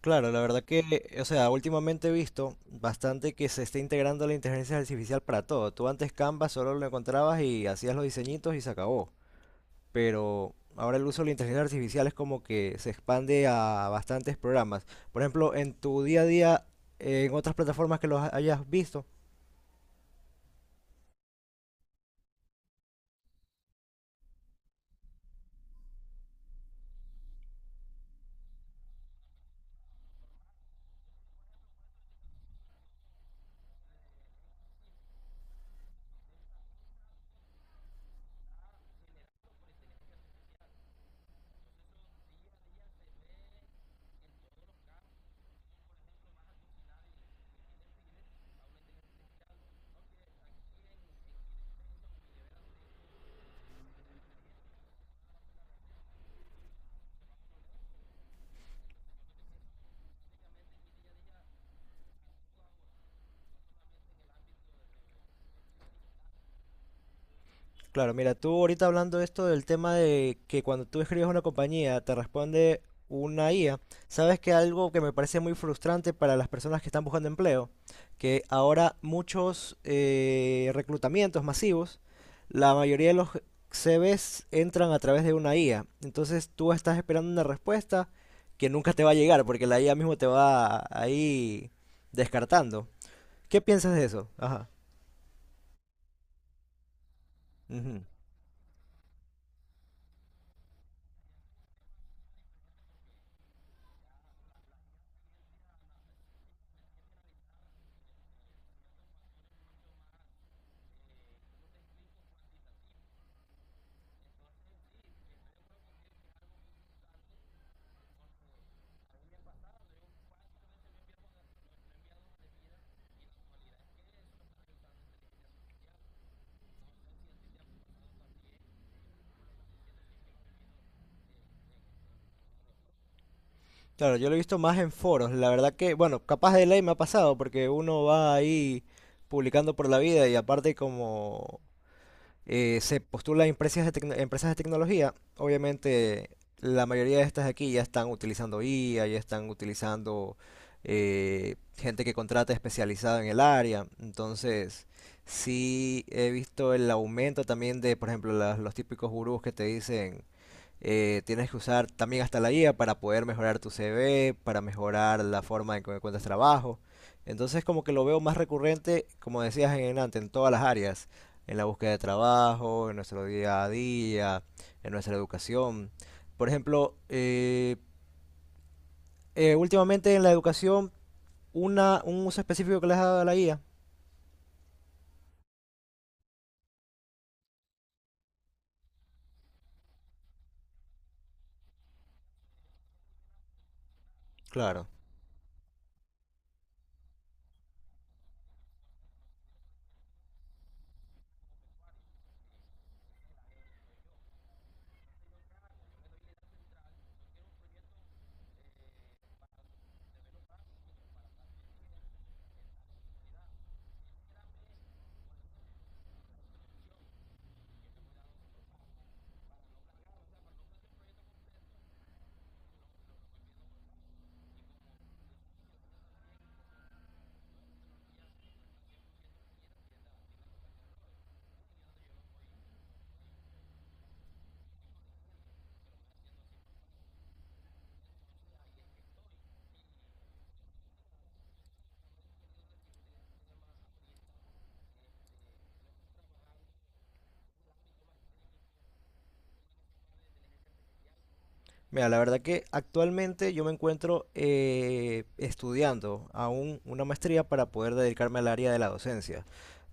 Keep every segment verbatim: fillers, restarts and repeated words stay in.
Claro, la verdad que, o sea, últimamente he visto bastante que se está integrando la inteligencia artificial para todo. Tú antes Canva solo lo encontrabas y hacías los diseñitos y se acabó. Pero ahora el uso de la inteligencia artificial es como que se expande a bastantes programas. Por ejemplo, en tu día a día, en otras plataformas que los hayas visto. Claro, mira, tú ahorita hablando de esto del tema de que cuando tú escribes a una compañía te responde una I A, sabes que algo que me parece muy frustrante para las personas que están buscando empleo, que ahora muchos eh, reclutamientos masivos, la mayoría de los C Vs entran a través de una I A, entonces tú estás esperando una respuesta que nunca te va a llegar porque la I A mismo te va ahí descartando. ¿Qué piensas de eso? Ajá. Ujú. Claro, yo lo he visto más en foros. La verdad que, bueno, capaz de ley me ha pasado porque uno va ahí publicando por la vida y aparte como eh, se postula a empresas de, tecno- empresas de tecnología, obviamente la mayoría de estas de aquí ya están utilizando I A, ya están utilizando eh, gente que contrata especializada en el área. Entonces, sí he visto el aumento también de, por ejemplo, las- los típicos gurús que te dicen... Eh, tienes que usar también hasta la I A para poder mejorar tu C V, para mejorar la forma en que encuentras trabajo. Entonces como que lo veo más recurrente, como decías en antes, en todas las áreas, en la búsqueda de trabajo, en nuestro día a día, en nuestra educación. Por ejemplo, eh, eh, últimamente en la educación, una, un uso específico que le has dado a la I A. Claro. Mira, la verdad que actualmente yo me encuentro eh, estudiando aún una maestría para poder dedicarme al área de la docencia.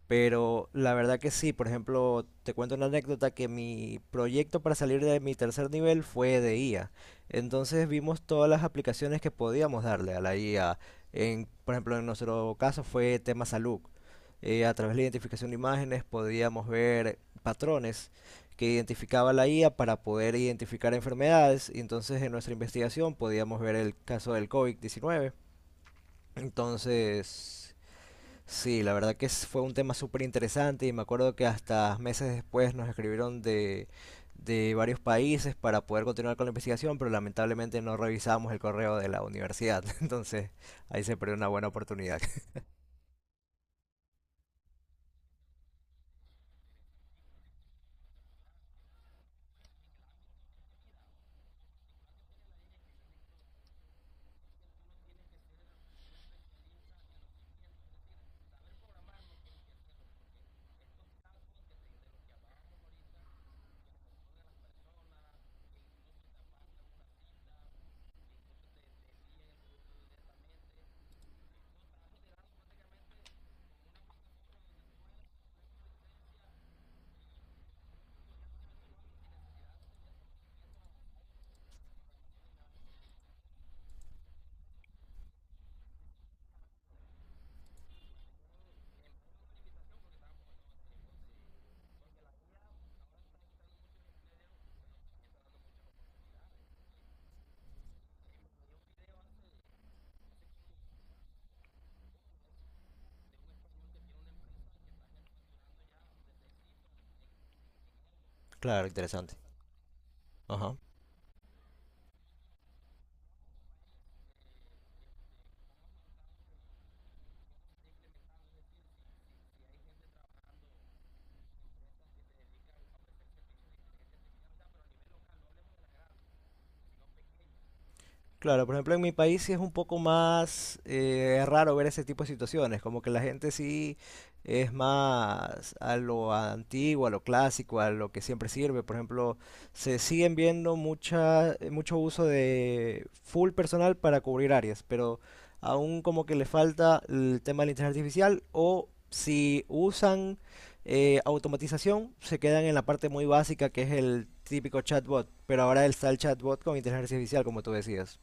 Pero la verdad que sí, por ejemplo, te cuento una anécdota que mi proyecto para salir de mi tercer nivel fue de I A. Entonces vimos todas las aplicaciones que podíamos darle a la I A. En, por ejemplo, en nuestro caso fue tema salud. Eh, a través de la identificación de imágenes podíamos ver patrones que identificaba la I A para poder identificar enfermedades. Y entonces en nuestra investigación podíamos ver el caso del covid diecinueve. Entonces, sí, la verdad que es- fue un tema súper interesante y me acuerdo que hasta meses después nos escribieron de, de varios países para poder continuar con la investigación, pero lamentablemente no revisamos el correo de la universidad, entonces ahí se perdió una buena oportunidad. Claro, interesante. Ajá. Claro, por ejemplo, en mi país sí es un poco más eh, raro ver ese tipo de situaciones, como que la gente sí es más a lo antiguo, a lo clásico, a lo que siempre sirve. Por ejemplo, se siguen viendo mucha, eh, mucho uso de full personal para cubrir áreas, pero aún como que le falta el tema de la inteligencia artificial o si usan eh, automatización, se quedan en la parte muy básica que es el típico chatbot, pero ahora está el chatbot con inteligencia artificial, como tú decías.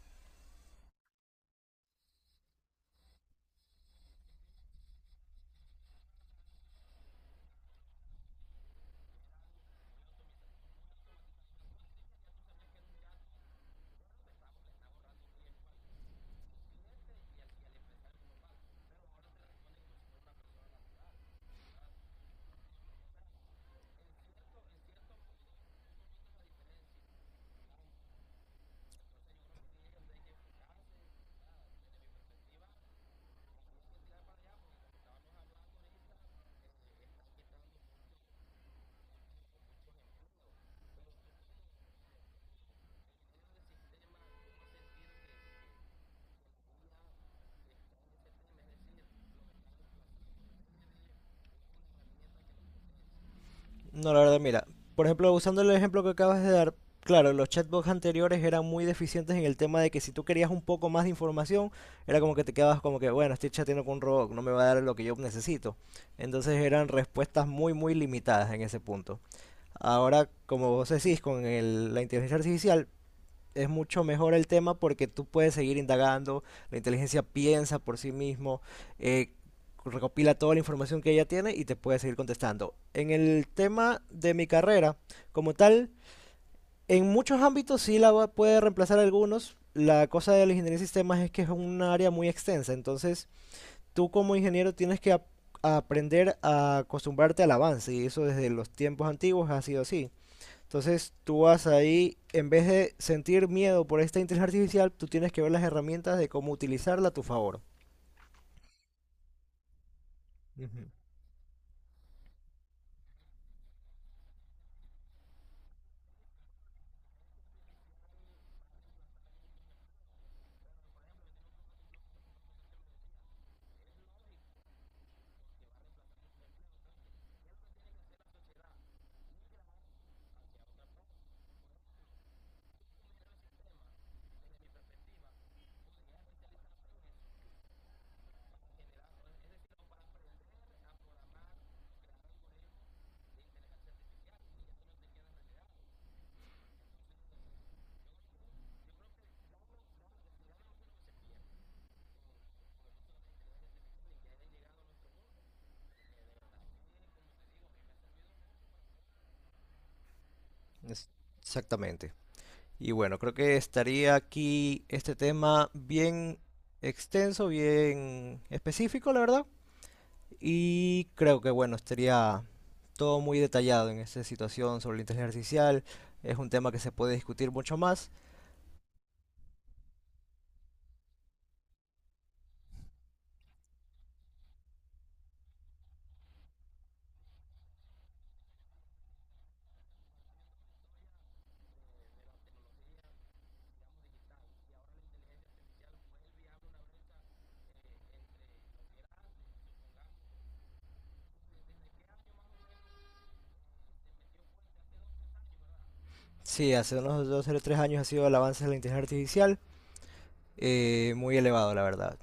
No, la verdad, mira, por ejemplo, usando el ejemplo que acabas de dar, claro, los chatbots anteriores eran muy deficientes en el tema de que si tú querías un poco más de información, era como que te quedabas como que, bueno, estoy chateando con un robot, no me va a dar lo que yo necesito. Entonces eran respuestas muy, muy limitadas en ese punto. Ahora, como vos decís, con el- la inteligencia artificial, es mucho mejor el tema porque tú puedes seguir indagando, la inteligencia piensa por sí mismo, eh, recopila toda la información que ella tiene y te puede seguir contestando. En el tema de mi carrera, como tal, en muchos ámbitos sí la va- puede reemplazar algunos. La cosa de la ingeniería de sistemas es que es un área muy extensa, entonces tú como ingeniero tienes que ap- aprender a acostumbrarte al avance y eso desde los tiempos antiguos ha sido así. Entonces tú vas ahí, en vez de sentir miedo por esta inteligencia artificial, tú tienes que ver las herramientas de cómo utilizarla a tu favor. Ujú, es- exactamente. Y bueno, creo que estaría aquí este tema bien extenso, bien específico, la verdad. Y creo que bueno, estaría todo muy detallado en esta situación sobre la inteligencia artificial. Es un tema que se puede discutir mucho más. Sí, hace unos dos o tres años ha sido el avance de la inteligencia artificial eh, muy elevado, la verdad.